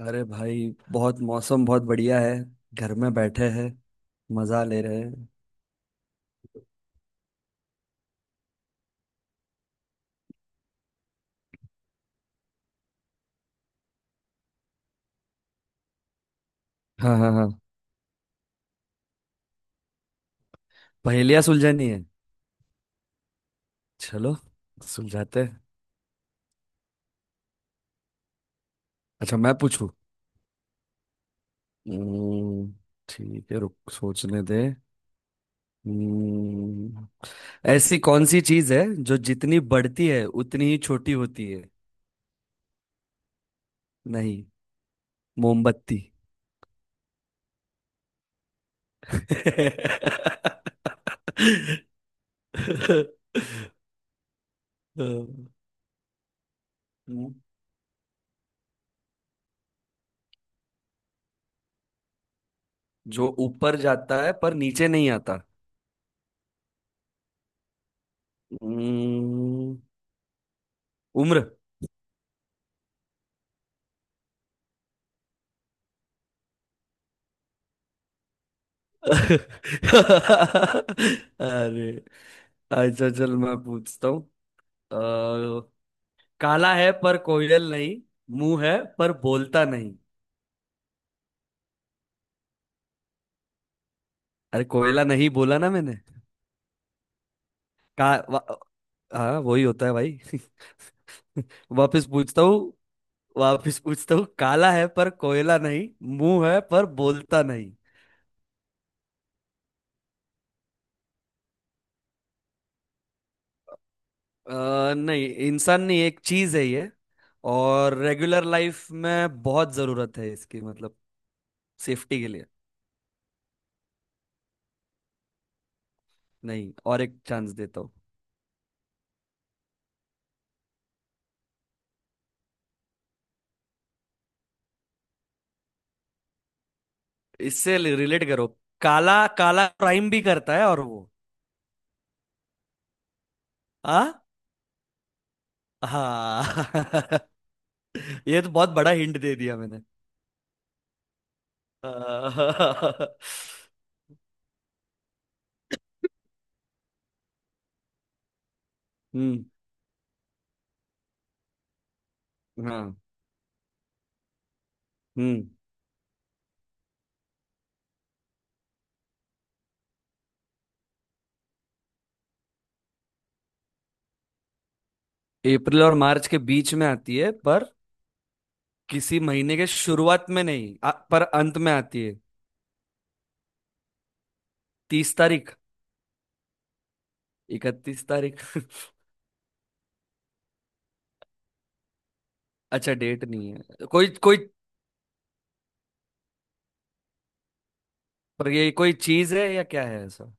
अरे भाई बहुत मौसम बहुत बढ़िया है। घर में बैठे हैं। मजा ले रहे हैं। हाँ हाँ हाँ। पहेलियाँ सुलझानी है। चलो सुलझाते हैं। अच्छा मैं पूछू। हम्म, ठीक है, रुक सोचने दे। हम्म, ऐसी कौन सी चीज है जो जितनी बढ़ती है उतनी ही छोटी होती है? नहीं। मोमबत्ती। जो ऊपर जाता है पर नीचे नहीं आता? हम्म, उम्र। अरे, अच्छा चल मैं पूछता हूँ। अ, काला है पर कोयल नहीं। मुंह है पर बोलता नहीं। अरे कोयला नहीं बोला ना मैंने। का वा- हाँ वही होता है भाई। वापस पूछता हूँ। वापस पूछता हूँ, काला है पर कोयला नहीं, मुंह है पर बोलता नहीं। नहीं, इंसान नहीं, एक चीज है ये। और रेगुलर लाइफ में बहुत जरूरत है इसकी, मतलब सेफ्टी के लिए। नहीं, और एक चांस देता हूँ। इससे रिलेट करो। काला काला, क्राइम भी करता है और वो। आ? हाँ। ये तो बहुत बड़ा हिंट दे दिया मैंने। अ, हम्म। हाँ। हम्म। अप्रैल और मार्च के बीच में आती है, पर किसी महीने के शुरुआत में नहीं पर अंत में आती है। 30 तारीख। 31 तारीख। अच्छा डेट नहीं है कोई कोई। पर ये कोई चीज है या क्या है ऐसा?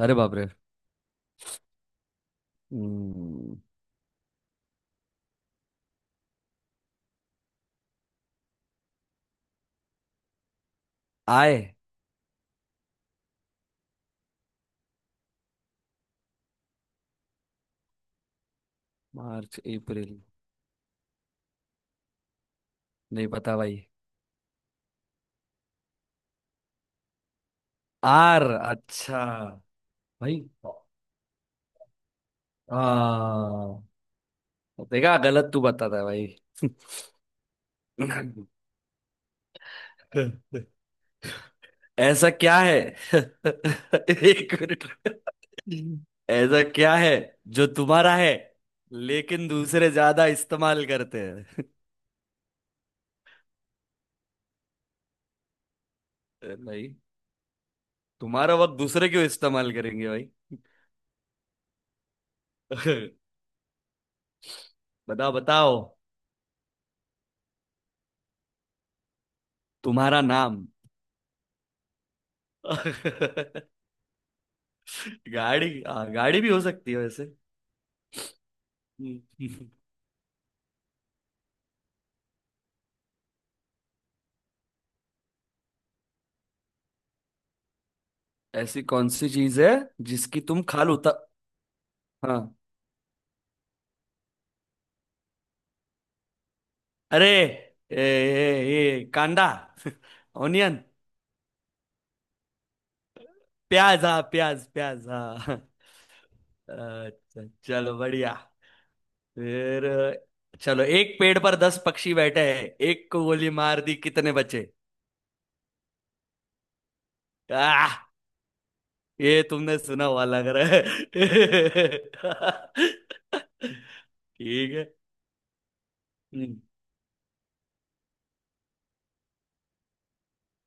अरे बाप रे। हम्म, आए। मार्च अप्रैल। नहीं पता भाई। आर। अच्छा। भाई। हाँ। देखा, गलत तू बताता है भाई। ऐसा क्या है? एक मिनट। ऐसा क्या है जो तुम्हारा है लेकिन दूसरे ज्यादा इस्तेमाल करते हैं? नहीं। तुम्हारा वक्त दूसरे क्यों इस्तेमाल करेंगे भाई? बताओ बताओ। तुम्हारा नाम। गाड़ी। हाँ, गाड़ी भी हो सकती है वैसे। हम्म। ऐसी कौन सी चीज है जिसकी तुम खाल उतर? हाँ। अरे ए, ए, ए, कांदा। ऑनियन। प्याज हाँ, प्याज प्याज हाँ। अच्छा चलो बढ़िया। फिर चलो, एक पेड़ पर 10 पक्षी बैठे हैं। एक को गोली मार दी, कितने बचे? आह। ये तुमने सुना हुआ लग रहा है। ठीक है। हम्म,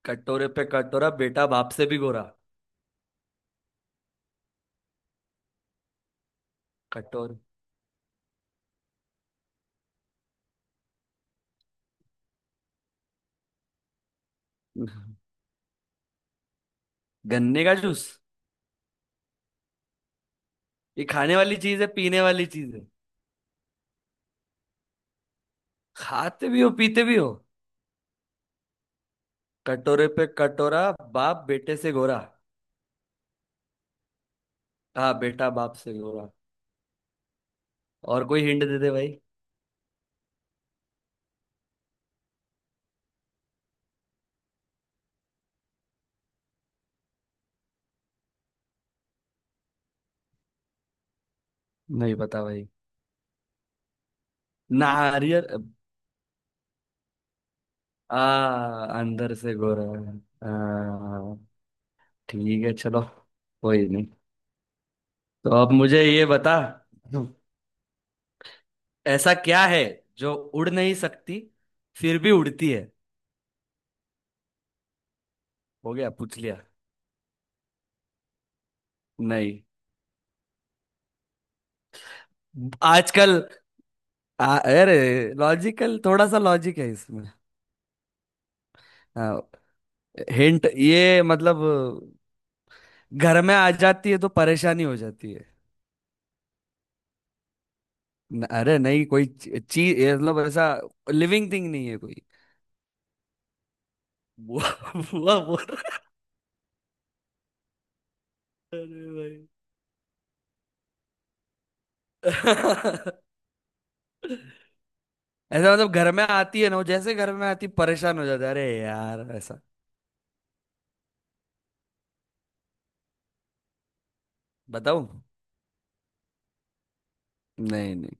कटोरे पे कटोरा, बेटा बाप से भी गोरा। कटोरे। गन्ने का जूस। ये खाने वाली चीज है पीने वाली चीज है? खाते भी हो पीते भी हो। कटोरे पे कटोरा, बाप बेटे से गोरा। हाँ, बेटा बाप से गोरा। और कोई हिंट दे दे भाई। नहीं पता भाई। नारियल। आ। अंदर से गोरा है। आ, ठीक है चलो। कोई नहीं। तो अब मुझे ये बता। ऐसा क्या है जो उड़ नहीं सकती फिर भी उड़ती है? हो गया, पूछ लिया। नहीं। आजकल। अरे लॉजिकल, थोड़ा सा लॉजिक है इसमें। हाँ। हिंट ये मतलब घर में आ जाती है तो परेशानी हो जाती है। न, अरे नहीं, कोई चीज मतलब ऐसा। लिविंग थिंग नहीं है कोई। बुआ। बुआ बोल रहा है। अरे भाई। ऐसा मतलब घर में आती है ना, वो जैसे घर में आती परेशान हो जाता है, अरे यार ऐसा। बताऊं? नहीं नहीं।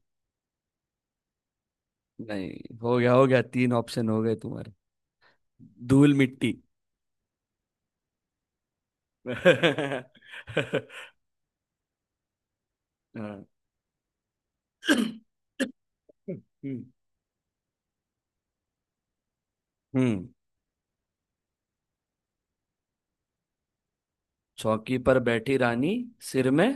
नहीं, हो गया हो गया, तीन ऑप्शन हो गए तुम्हारे। धूल मिट्टी। हाँ। हम्म हम्म। चौकी पर बैठी रानी, सिर में।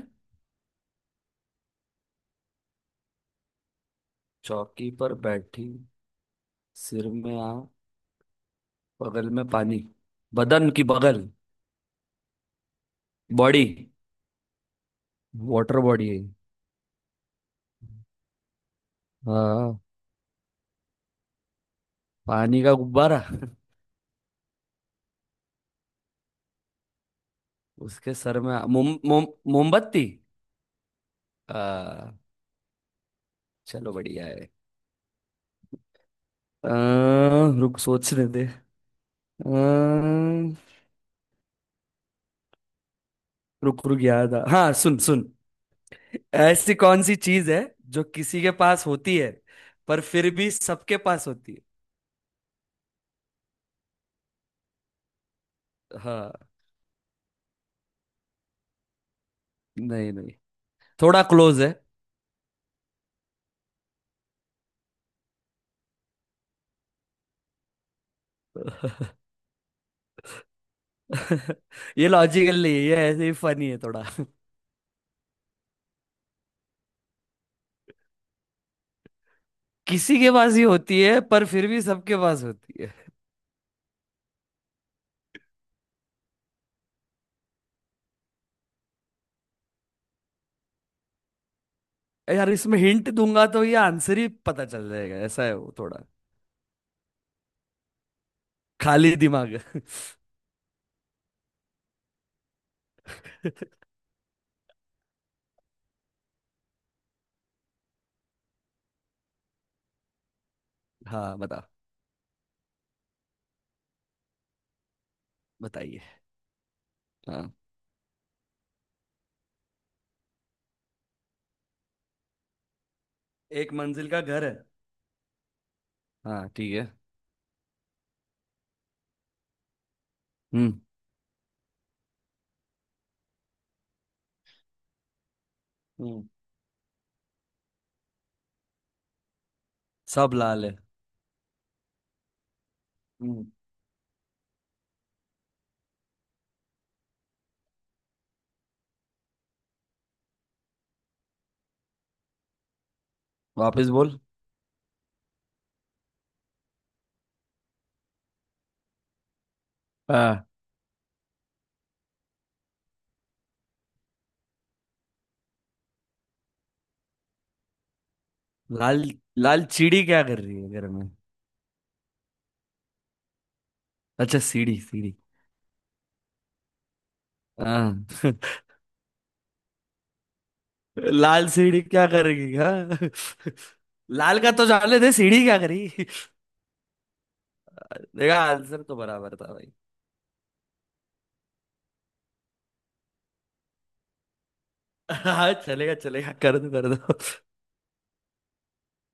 चौकी पर बैठी, सिर में आ बगल में पानी। बदन की बगल। बॉडी। वाटर बॉडी है। हाँ। पानी का गुब्बारा। उसके सर में मोम मोम। मोमबत्ती। आ, चलो बढ़िया है। आ, रुक सोचने दे रुक रुक, याद आ, हाँ सुन सुन। ऐसी कौन सी चीज है जो किसी के पास होती है पर फिर भी सबके पास होती है? हाँ। नहीं नहीं। थोड़ा क्लोज है। ये लॉजिकल नहीं है ये, ऐसे ही फनी है थोड़ा। किसी के पास ही होती है पर फिर भी सबके पास होती है। यार इसमें हिंट दूंगा तो ये आंसर ही पता चल जाएगा, ऐसा है वो थोड़ा। खाली दिमाग। हाँ बता। बताइए। हाँ। एक मंजिल का घर है। हाँ ठीक है। हम्म हम्म। सब लाल है। हम्म। वापस बोल। हाँ। लाल, लाल चिड़ी क्या कर रही है घर में? अच्छा सीढ़ी सीढ़ी। हाँ। लाल सीढ़ी क्या करेगी हाँ। लाल का तो जाने दे, सीढ़ी क्या करी। देखा, आंसर तो बराबर था भाई। हाँ चलेगा चलेगा, कर दो कर दो।